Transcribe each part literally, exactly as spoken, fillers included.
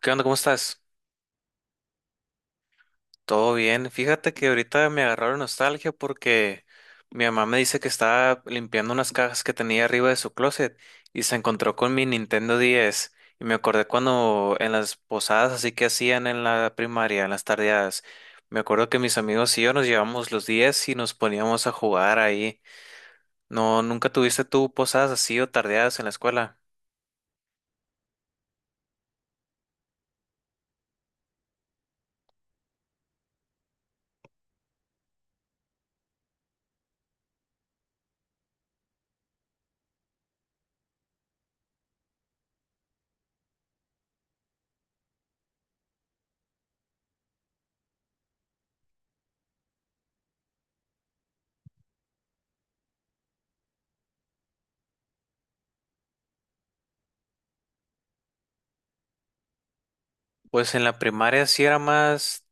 ¿Qué onda? ¿Cómo estás? Todo bien. Fíjate que ahorita me agarraron nostalgia porque mi mamá me dice que estaba limpiando unas cajas que tenía arriba de su closet y se encontró con mi Nintendo diez. Y me acordé cuando en las posadas así que hacían en la primaria, en las tardeadas, me acuerdo que mis amigos y yo nos llevamos los diez y nos poníamos a jugar ahí. No, ¿nunca tuviste tú posadas así o tardeadas en la escuela? Pues en la primaria sí era más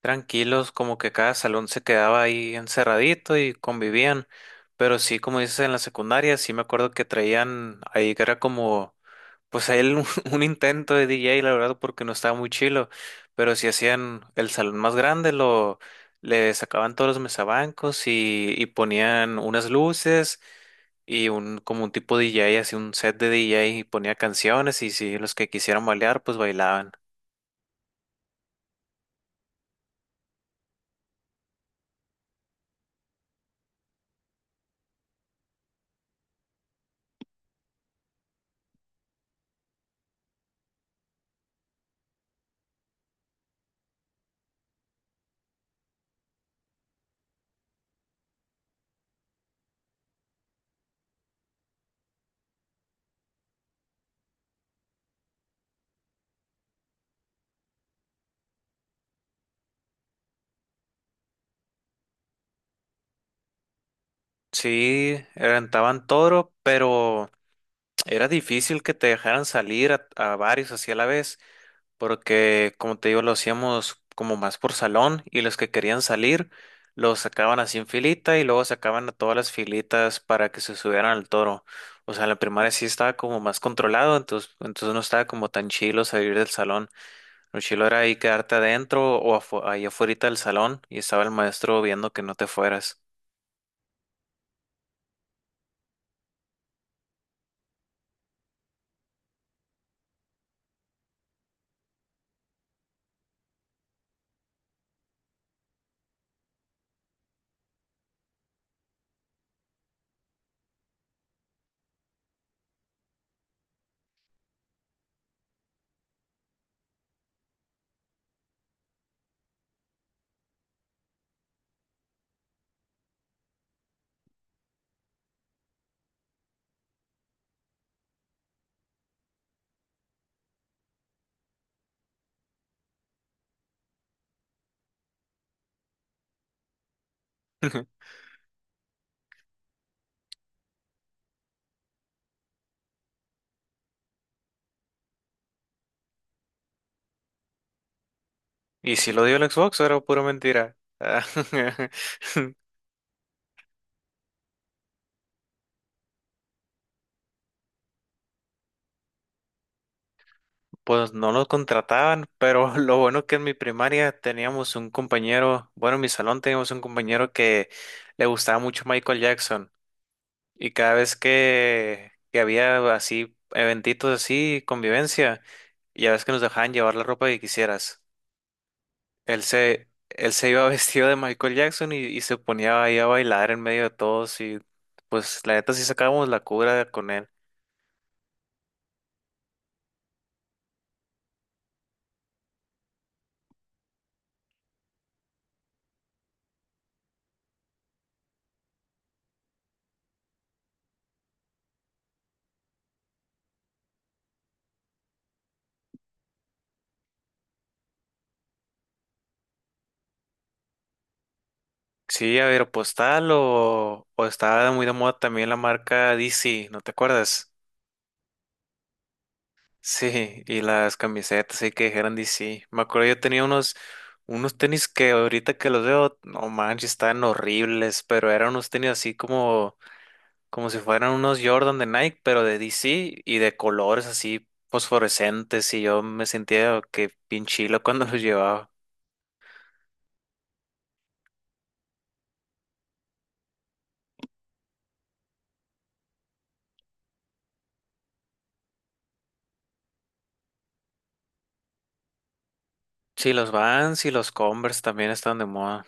tranquilos, como que cada salón se quedaba ahí encerradito y convivían. Pero sí, como dices, en la secundaria sí me acuerdo que traían ahí que era como, pues ahí el- un, intento de D J, la verdad, porque no estaba muy chilo. Pero si hacían el salón más grande, lo le sacaban todos los mesabancos y, y ponían unas luces y un como un tipo D J, así un set de D J y ponía canciones y si los que quisieran bailar, pues bailaban. Sí, rentaban todo, pero era difícil que te dejaran salir a, a varios así a la vez, porque como te digo, lo hacíamos como más por salón y los que querían salir los sacaban así en filita y luego sacaban a todas las filitas para que se subieran al toro. O sea, en la primaria sí estaba como más controlado, entonces, entonces no estaba como tan chilo salir del salón. Lo chilo era ahí quedarte adentro o afu- ahí afuera del salón y estaba el maestro viendo que no te fueras. ¿Y si lo dio el Xbox, o era pura mentira? Pues no lo contrataban, pero lo bueno que en mi primaria teníamos un compañero, bueno, en mi salón teníamos un compañero que le gustaba mucho Michael Jackson y cada vez que, que había así eventitos así, convivencia, ya ves que nos dejaban llevar la ropa que quisieras. Él se, él se iba vestido de Michael Jackson y, y se ponía ahí a bailar en medio de todos y pues la neta sí sacábamos la cura con él. Sí, Aeropostal o, o estaba muy de moda también la marca D C, ¿no te acuerdas? Sí, y las camisetas sí que dijeron D C. Me acuerdo yo tenía unos, unos tenis que ahorita que los veo, no manches, están horribles, pero eran unos tenis así como, como si fueran unos Jordan de Nike, pero de D C y de colores así fosforescentes y yo me sentía que pinchilo cuando los llevaba. Sí, los Vans y los Converse también están de moda.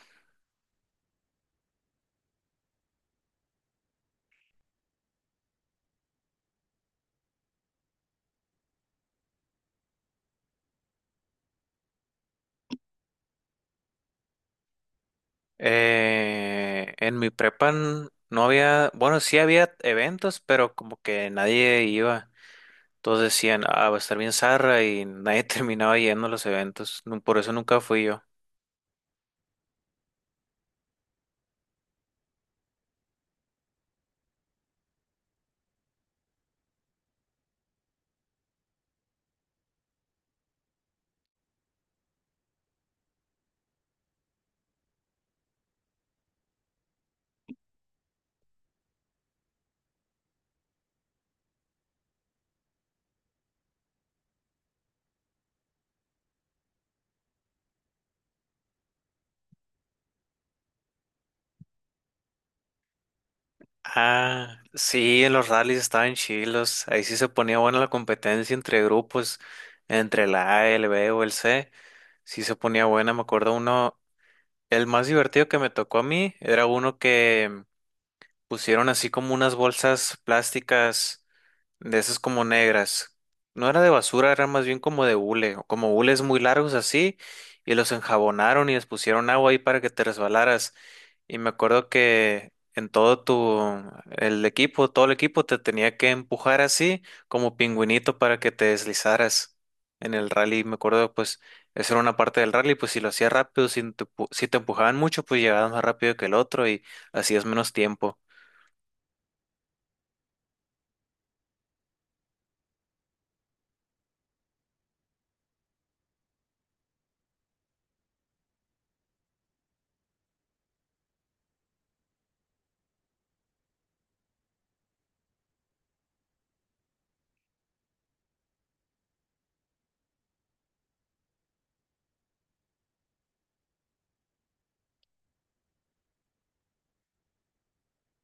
Eh, en mi prepa n- no había, bueno, sí había eventos, pero como que nadie iba. Todos decían, ah, va a estar bien zarra y nadie terminaba yendo a los eventos. Nu- Por eso nunca fui yo. Ah, sí, en los rallies estaban chilos. Ahí sí se ponía buena la competencia entre grupos, entre la A, el B o el C. Sí se ponía buena. Me acuerdo uno, el más divertido que me tocó a mí era uno que pusieron así como unas bolsas plásticas, de esas como negras. No era de basura, era más bien como de hule, o como hules muy largos así, y los enjabonaron y les pusieron agua ahí para que te resbalaras. Y me acuerdo que en todo tu, el equipo, todo el equipo te tenía que empujar así, como pingüinito para que te deslizaras en el rally. Me acuerdo, pues, esa era una parte del rally, pues si lo hacías rápido, si te, empu- si te empujaban mucho, pues llegabas más rápido que el otro y hacías menos tiempo.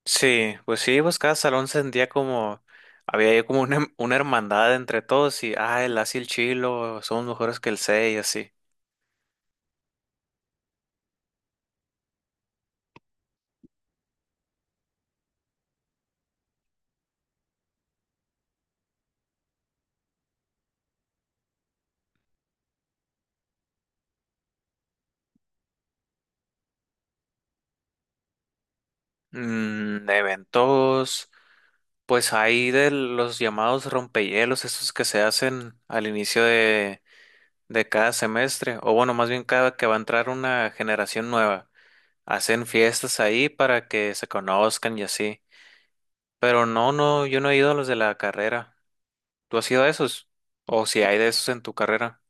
Sí, pues sí, pues cada salón sentía como, había ahí como una, una hermandad entre todos y, ah, el Asi y el Chilo, somos mejores que el C y así. Mm, de eventos, pues hay de los llamados rompehielos, esos que se hacen al inicio de, de cada semestre, o bueno, más bien cada que va a entrar una generación nueva, hacen fiestas ahí para que se conozcan y así. Pero no, no, yo no he ido a los de la carrera. ¿Tú has ido a esos? ¿O si hay de esos en tu carrera?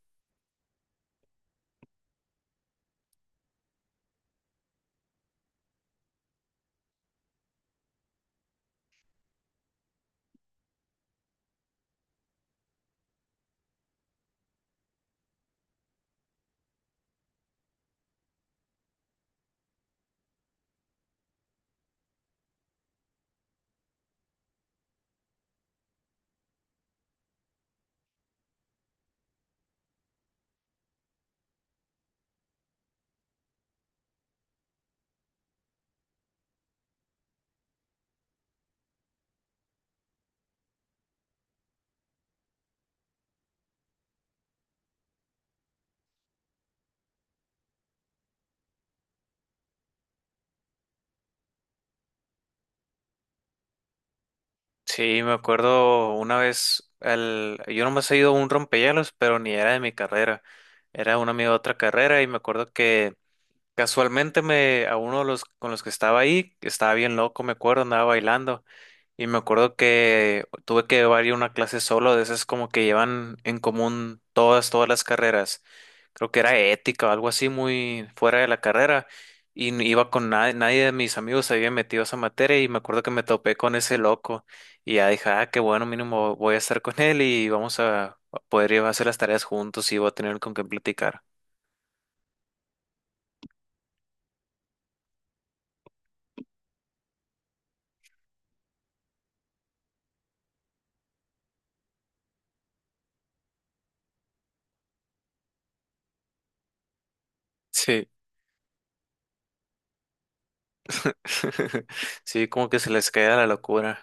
Sí, me acuerdo una vez, al, yo nomás he ido a un rompehielos, pero ni era de mi carrera, era un amigo de otra carrera y me acuerdo que casualmente me, a uno de los con los que estaba ahí, que estaba bien loco, me acuerdo, andaba bailando y me acuerdo que tuve que llevar yo una clase solo, de esas como que llevan en común todas, todas las carreras. Creo que era ética o algo así muy fuera de la carrera. Y n- iba con nadie, nadie de mis amigos se había metido a esa materia y me acuerdo que me topé con ese loco. Y ya dije, ah, qué bueno, mínimo voy a estar con él y vamos a a poder ir a hacer las tareas juntos y voy a tener con quien platicar. Sí. Sí, como que se les cae la locura.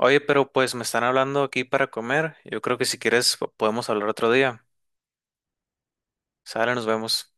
Oye, pero pues me están hablando aquí para comer. Yo creo que si quieres po- podemos hablar otro día. Sale, nos vemos.